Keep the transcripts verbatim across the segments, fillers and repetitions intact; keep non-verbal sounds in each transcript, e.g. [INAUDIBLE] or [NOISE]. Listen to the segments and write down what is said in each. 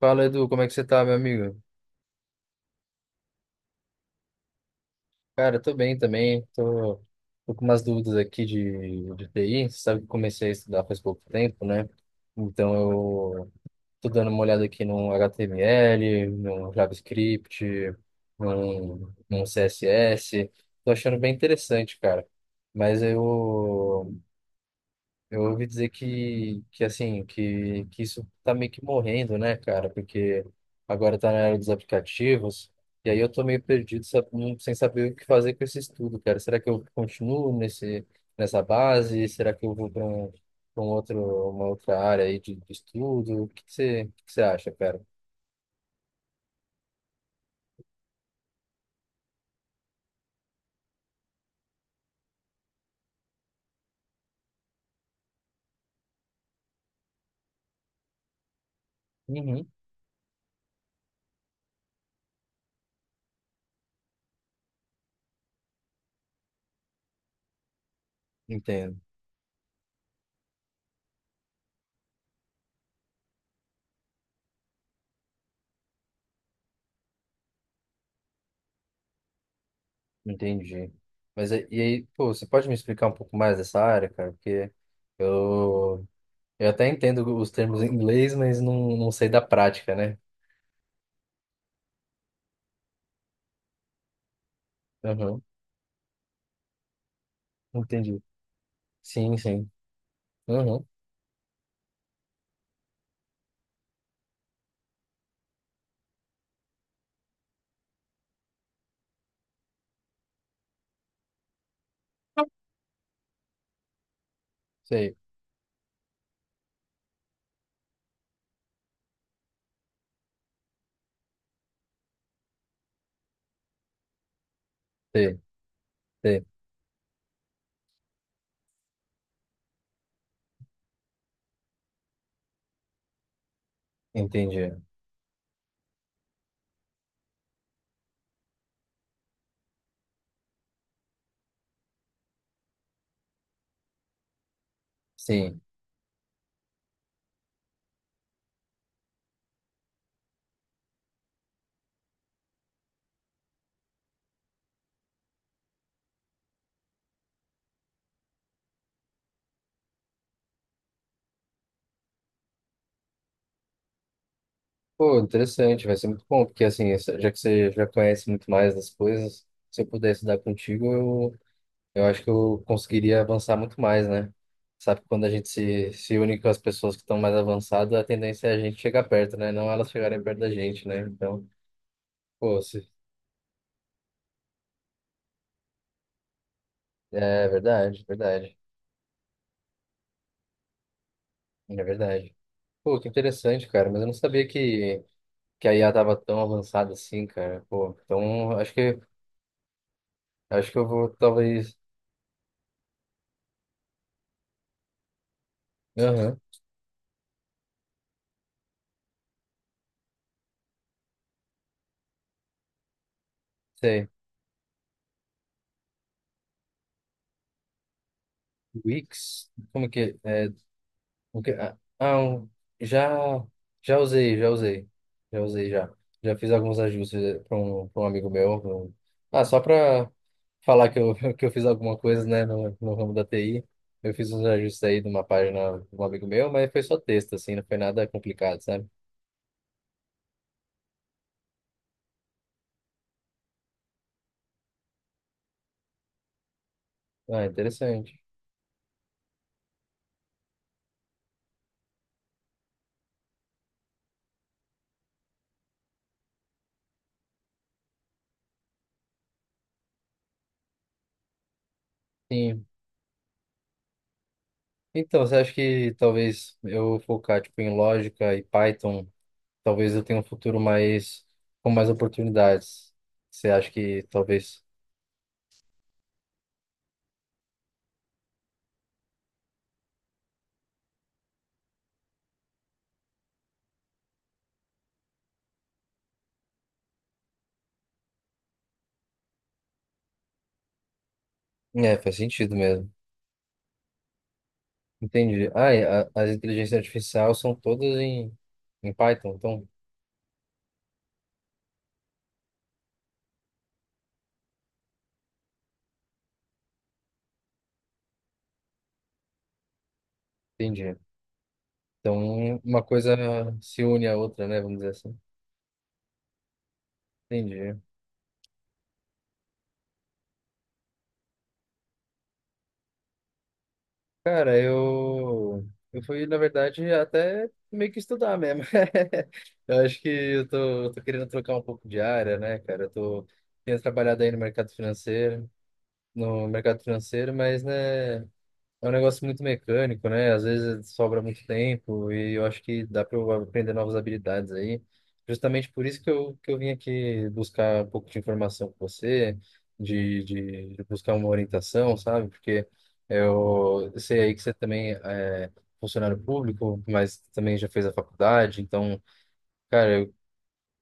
Fala, Edu, como é que você tá, meu amigo? Cara, eu tô bem também, tô, tô com umas dúvidas aqui de, de T I. Você sabe que eu comecei a estudar faz pouco tempo, né? Então eu tô dando uma olhada aqui no H T M L, no JavaScript, no, no C S S, tô achando bem interessante, cara. Mas eu, Eu ouvi dizer que, que assim, que, que isso tá meio que morrendo, né, cara? Porque agora tá na era dos aplicativos, e aí eu tô meio perdido, sabe, não- sem saber o que fazer com esse estudo, cara. Será que eu continuo nesse, nessa base? Será que eu vou para um, pra um outro, uma outra área aí de, de estudo? O que que você, o que que você acha, cara? Uhum. Entendo, entendi. Mas aí- e aí, pô, você pode me explicar um pouco mais dessa área, cara? Porque eu eu até entendo os termos em inglês, mas não, não sei da prática, né? Aham, entendi. Sim, sim. Aham, sei, sei, sei. Entendi. Sim. Pô, interessante, vai ser muito bom, porque assim, essa- já que você já conhece muito mais das coisas, se eu pudesse dar contigo, eu, eu acho que eu conseguiria avançar muito mais, né? Sabe, quando a gente se, se une com as pessoas que estão mais avançadas, a tendência é a gente chegar perto, né? Não elas chegarem perto da gente, né? Então, pô, se... É verdade, verdade. É verdade. Pô, que interessante, cara. Mas eu não sabia que, que a I A tava tão avançada assim, cara. Pô, então acho que acho que eu vou talvez. Aham, sei. Wix? Como que é? o que- Ah, ah, um- já já usei, já usei. Já usei já. Já fiz alguns ajustes para um, pra um amigo meu. pra um- Ah, só para falar que eu, [LAUGHS] que eu fiz alguma coisa, né, no, no ramo da T I. Eu fiz uns ajustes aí de uma página de um amigo meu, mas foi só texto, assim, não foi nada complicado, sabe? Ah, interessante. Sim. Então, você acha que talvez eu focar tipo em lógica e Python, talvez eu tenha um futuro mais com mais oportunidades? Você acha que talvez... É, faz sentido mesmo. Entendi. Ah, e a, as inteligências artificiais são todas em, em Python, então entendi. Então uma coisa se une à outra, né? Vamos dizer assim. Entendi. Cara, eu, eu fui, na verdade, até meio que estudar mesmo. [LAUGHS] Eu acho que eu tô, eu tô querendo trocar um pouco de área, né, cara? Eu tô, tenho trabalhado aí no mercado financeiro, no mercado financeiro, mas, né? É um negócio muito mecânico, né? Às vezes sobra muito tempo e eu acho que dá para eu aprender novas habilidades aí. Justamente por isso que eu, que eu vim aqui buscar um pouco de informação com você, de, de, de buscar uma orientação, sabe? Porque eu sei aí que você também é funcionário público, mas também já fez a faculdade. Então, cara, eu,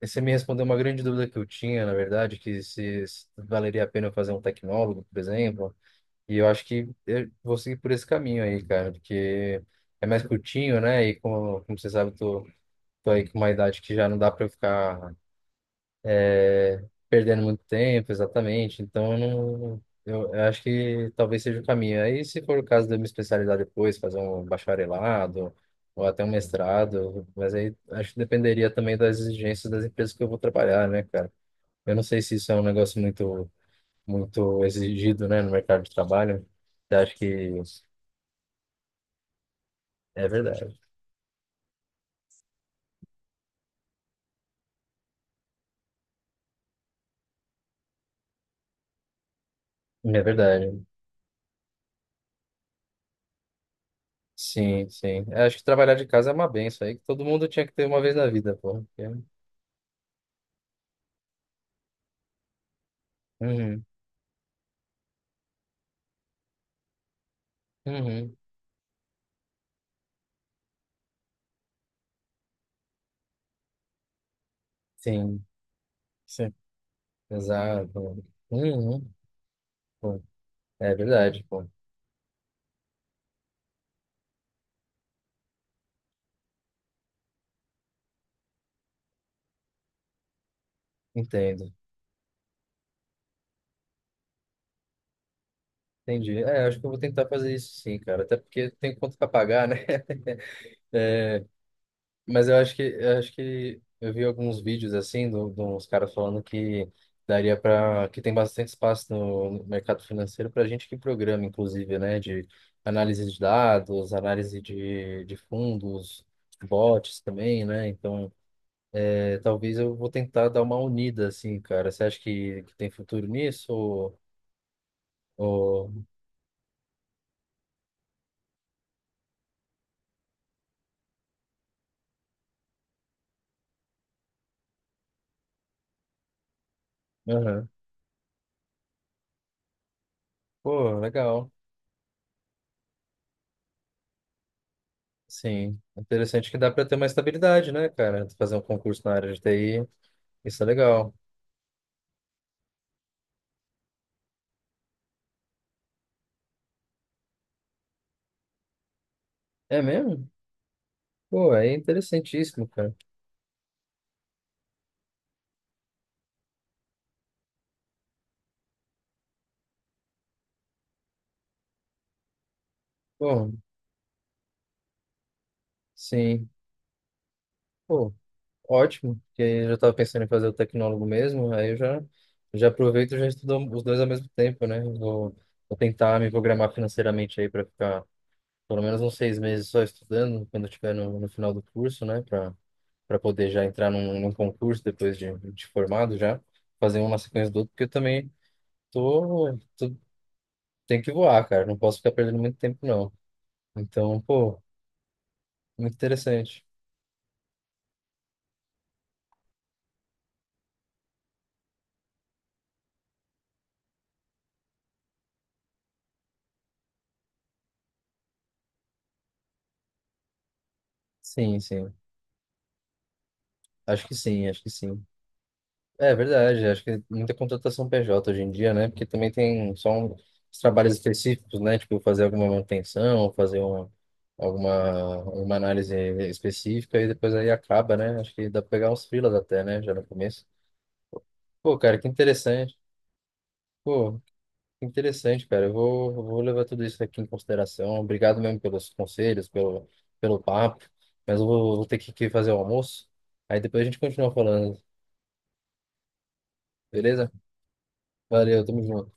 você me respondeu uma grande dúvida que eu tinha, na verdade, que se, se valeria a pena eu fazer um tecnólogo, por exemplo. E eu acho que eu vou seguir por esse caminho aí, cara, porque é mais curtinho, né? E como, como você sabe, eu tô, tô aí com uma idade que já não dá pra eu ficar é, perdendo muito tempo, exatamente. Então, eu não, eu, eu acho que talvez seja o caminho. Aí, se for o caso de eu me especializar depois, fazer um bacharelado ou até um mestrado, mas aí acho que dependeria também das exigências das empresas que eu vou trabalhar, né, cara? Eu não sei se isso é um negócio muito, muito exigido, né, no mercado de trabalho. Você acha que... É verdade. É verdade. Sim, sim. Eu acho que trabalhar de casa é uma benção aí que todo mundo tinha que ter uma vez na vida, pô. Porque... Uhum. Uhum. Sim, sim. Exato. Uhum. Pô. É verdade, pô. Entendo. Entendi. É, acho que eu vou tentar fazer isso sim, cara. Até porque tem conta pra pagar, né? Mas eu acho que eu acho que eu vi alguns vídeos assim do, de uns caras falando que daria para que tem bastante espaço no, no mercado financeiro para gente que programa, inclusive, né, de análise de dados, análise de, de fundos, bots também, né? Então, é, talvez eu vou tentar dar uma unida assim, cara. Você acha que, que tem futuro nisso? Ou, ou... Aham. Pô, legal. Sim, interessante que dá para ter uma estabilidade, né, cara? Fazer um concurso na área de T I, isso é legal. É mesmo? Pô, é interessantíssimo, cara. Pô, sim. Pô, ótimo, porque eu já estava pensando em fazer o tecnólogo mesmo, aí eu já, já aproveito e já estudo os dois ao mesmo tempo, né? Vou, vou tentar me programar financeiramente aí para ficar pelo menos uns seis meses só estudando, quando eu estiver no, no final do curso, né? Para para poder já entrar num, num concurso depois de, de formado já, fazer uma na sequência do outro, porque eu também tô, tô, tenho que voar, cara, não posso ficar perdendo muito tempo, não. Então, pô, muito interessante. Sim, sim. Acho que sim, acho que sim. É verdade, acho que muita contratação P J hoje em dia, né? Porque também tem só um, os trabalhos específicos, né? Tipo, fazer alguma manutenção, fazer uma, alguma uma análise específica e depois aí acaba, né? Acho que dá pra pegar uns freelas até, né? Já no começo. Pô, cara, que interessante. Pô, que interessante, cara. Eu vou, eu vou levar tudo isso aqui em consideração. Obrigado mesmo pelos conselhos, pelo, pelo papo. Mas eu vou, vou ter que que fazer o almoço. Aí depois a gente continua falando, beleza? Valeu, tamo junto.